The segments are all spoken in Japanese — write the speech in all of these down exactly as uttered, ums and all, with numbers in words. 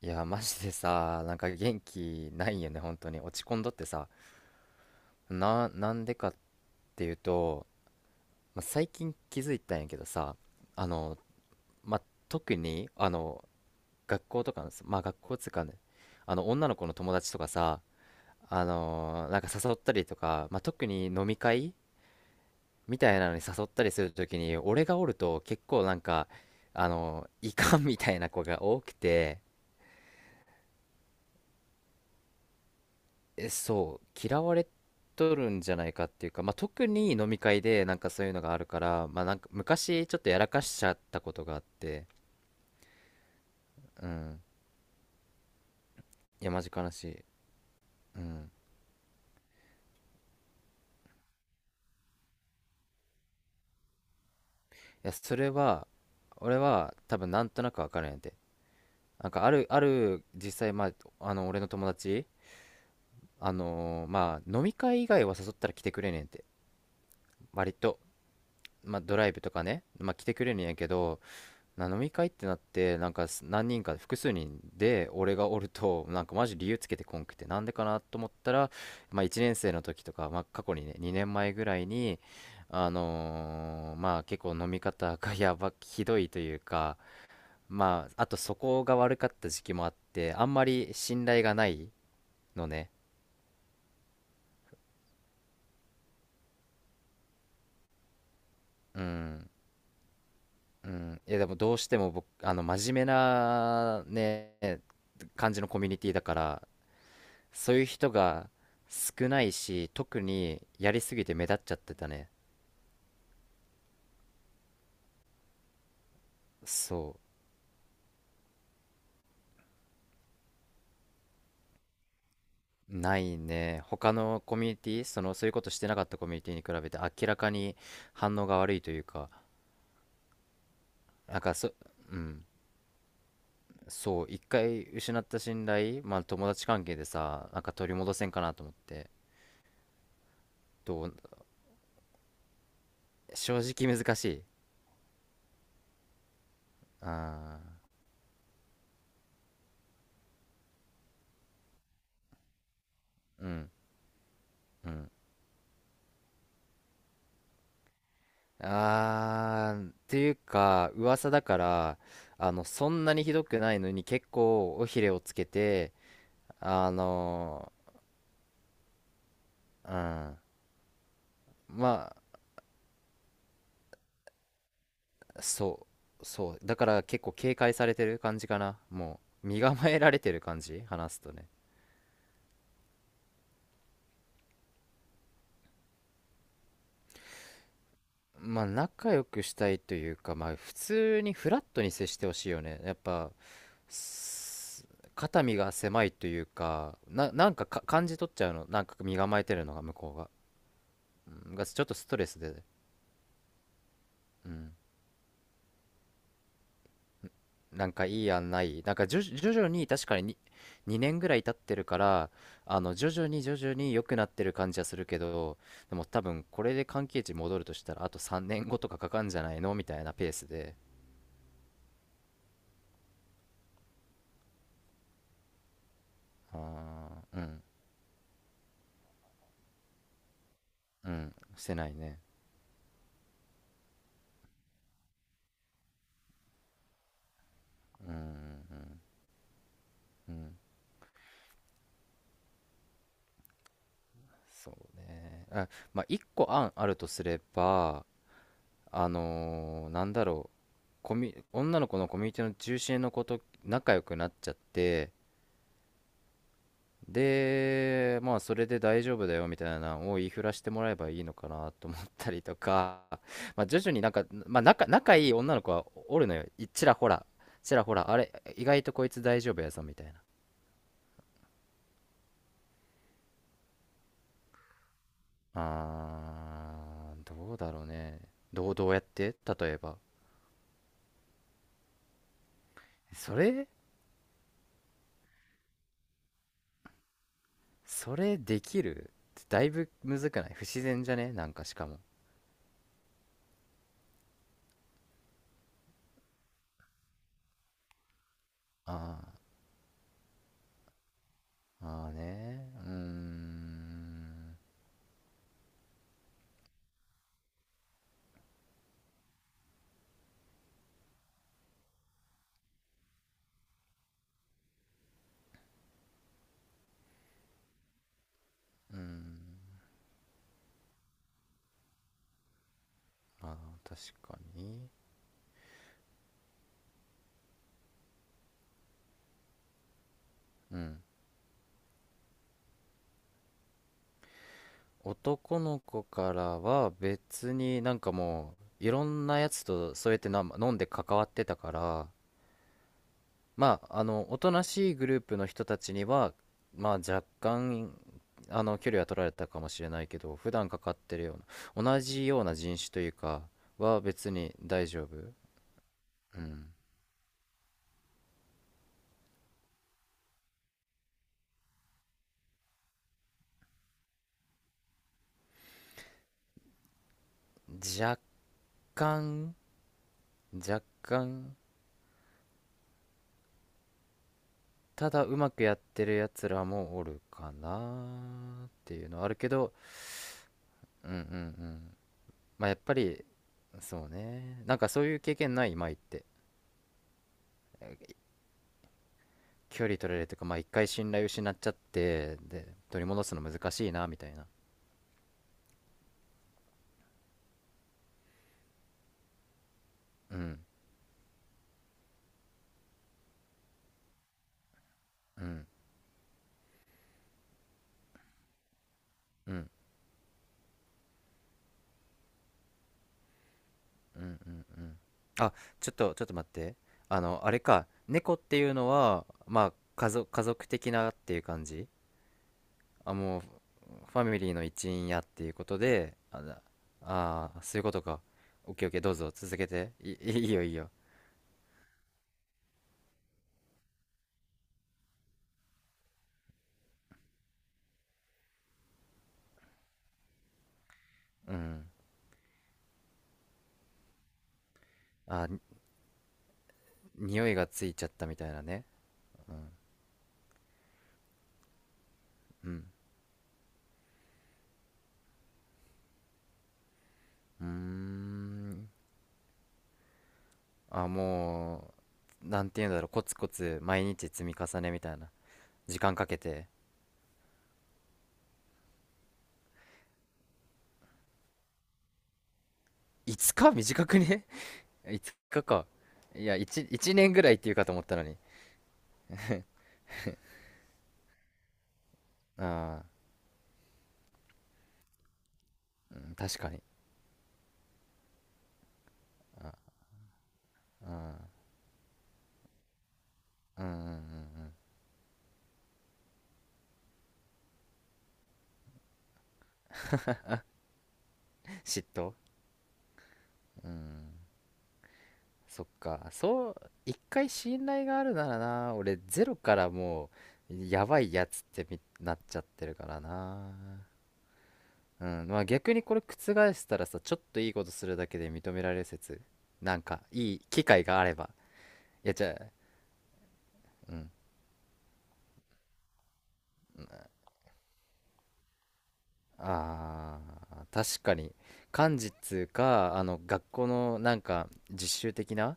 いや、マジでさ、なんか元気ないよね、本当に。落ち込んどってさ。な、なんでかっていうと、まあ、最近気づいたんやけどさ、あの、まあ、特に、あの、学校とかの、まあ、学校つうかね、あの、女の子の友達とかさ、あのなんか誘ったりとか、まあ、特に飲み会みたいなのに誘ったりするときに、俺がおると結構なんか、あの、いかんみたいな子が多くて、え、そう、嫌われとるんじゃないかっていうか、まあ、特に飲み会でなんかそういうのがあるから、まあ、なんか昔ちょっとやらかしちゃったことがあって、うん。いや、マジ悲しい。うん。いや、それは、俺は多分なんとなくわかるんやて。なんかある、ある、実際、まあ、あの、俺の友達、あのーまあ、飲み会以外は誘ったら来てくれねんて。割と、まあ、ドライブとかね、まあ、来てくれねんやけど、な飲み会ってなってなんかす何人か複数人で俺がおるとなんかマジ理由つけてこんくて、なんでかなと思ったら、まあ、いちねんせい生の時とか、まあ、過去にねにねんまえぐらいに、あのーまあ結構飲み方が やばひどいというか、まああとそこが悪かった時期もあって、あんまり信頼がないのね。うん、うん。いや、でもどうしても僕あの真面目なね感じのコミュニティだから、そういう人が少ないし、特にやりすぎて目立っちゃってたね。そう。ないね。他のコミュニティ、その、そういうことしてなかったコミュニティに比べて明らかに反応が悪いというか、なんかそ、うん。そう、一回失った信頼、まあ友達関係でさ、なんか取り戻せんかなと思って、どう、正直難しい。ああ、うん、うん。あー、っていうか、噂だから、あの、そんなにひどくないのに結構尾ひれをつけて、あのうん。まあ、そう、そう。だから結構警戒されてる感じかな。もう、身構えられてる感じ、話すとね。まあ、仲良くしたいというか、まあ、普通にフラットに接してほしいよね。やっぱ、す肩身が狭いというか、な、なんか、か感じ取っちゃうの。なんか身構えてるのが、向こうが。うんがちょっとストレスで、うん、なんかいい案ない、なんか徐々徐々に、確かにににねんぐらい経ってるから、あの徐々に徐々に良くなってる感じはするけど、でも多分これで関係値戻るとしたら、あとさんねんごとかかかんじゃないのみたいなペースで。あー、うん、うん、してないね。うんうんうん。そうね。あまあ、いっこ案あるとすれば、あのーなんだろう、コミュ女の子のコミュニティの中心の子と仲良くなっちゃって、で、まあ、それで大丈夫だよみたいなのを言いふらしてもらえばいいのかなと思ったりとか、まあ、徐々になんか、まあ、仲、仲いい女の子はおるのよ。いちらほら、ちらほら、あれ、意外とこいつ大丈夫やぞみたいな。あー、どうだろうね。どう、どうやって、例えば。それ、それできる？だいぶむずくない？不自然じゃね、なんかしかも。あー、まあーね。うーん。うーん。まあー、確かに。うん。男の子からは、別になんかもういろんなやつとそうやってな飲んで関わってたから、まああのおとなしいグループの人たちには、まあ若干あの距離は取られたかもしれないけど、普段かかってるような、同じような人種というかは別に大丈夫。うん。若干若干ただうまくやってるやつらもおるかなっていうのはあるけど。うんうんうん。まあやっぱり、そうね、なんかそういう経験ない舞って、距離取られるというか、まあ一回信頼失っちゃって、で取り戻すの難しいなみたいな。うんうんうんうんうんうん。あちょっとちょっと待って、あのあれか、猫っていうのはまあ家族、家族的なっていう感じ？あもうファミリーの一員やっていうことで、あだあー、そういうことか。オッケーオッケー、どうぞ続けて、い、いいよ、いいよ。うん。あに、匂いがついちゃったみたいなね。うんうんうーん。あもうなんていうんだろう、コツコツ毎日積み重ねみたいな、時間かけて。いつか短くね？ いつかかいや、 いち, 一年ぐらいっていうかと思ったのに。ああ、うん、確かに。あああ、うんうんうんうん、嫉妬、うん。そっかそう。一回信頼があるならな、俺ゼロからもう、やばいやつってみなっちゃってるからな。うん、まあ逆にこれ覆したらさ、ちょっといいことするだけで認められる説。なんか、いい機会があれば。いや、じゃあ、うん。あー、確かに。漢字っつうか、あの、学校のなんか、実習的な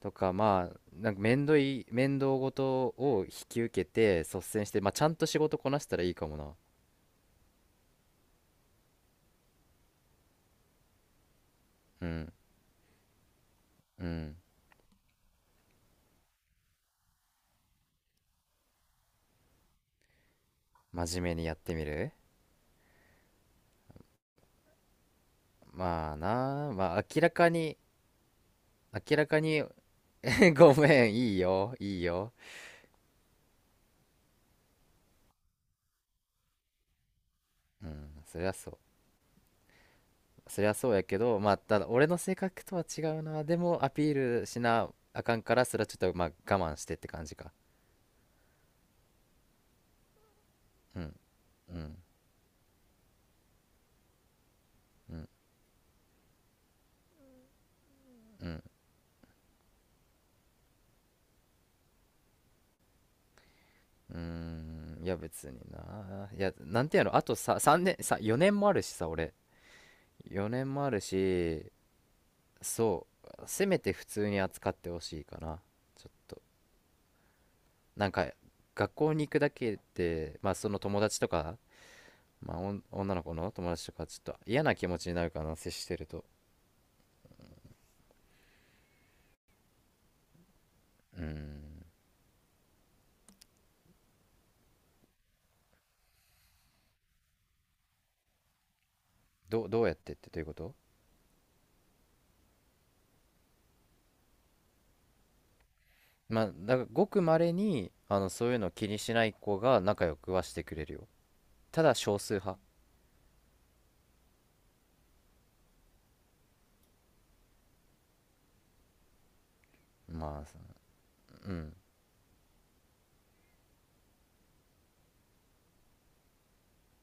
とか、まあ、なんか面倒い、面倒ごとを引き受けて、率先して、まあちゃんと仕事こなしたらいいかもな。うん、うん。真面目にやってみる。まあな、まあ明らかに、明らかに ごめん、いいよ、いいよ。うん、そりゃそう、そりゃそうやけど、まあただ俺の性格とは違うな、でもアピールしなあかんから、それはちょっとまあ我慢してって感じか。うんうんうんうんうーん、いや別にないやなんてやろ、あとささんねんさよねんもあるしさ、俺よねんもあるし、そう、せめて普通に扱ってほしいかな。ちょっとなんか、学校に行くだけで、まあその友達とか、まあ、おん女の子の友達とかちょっと嫌な気持ちになるかな、接してると。うん。どう、どうやってってということ？まあ、だからごくまれにあのそういうの気にしない子が仲良くはしてくれるよ。ただ少数派。まあ、うん。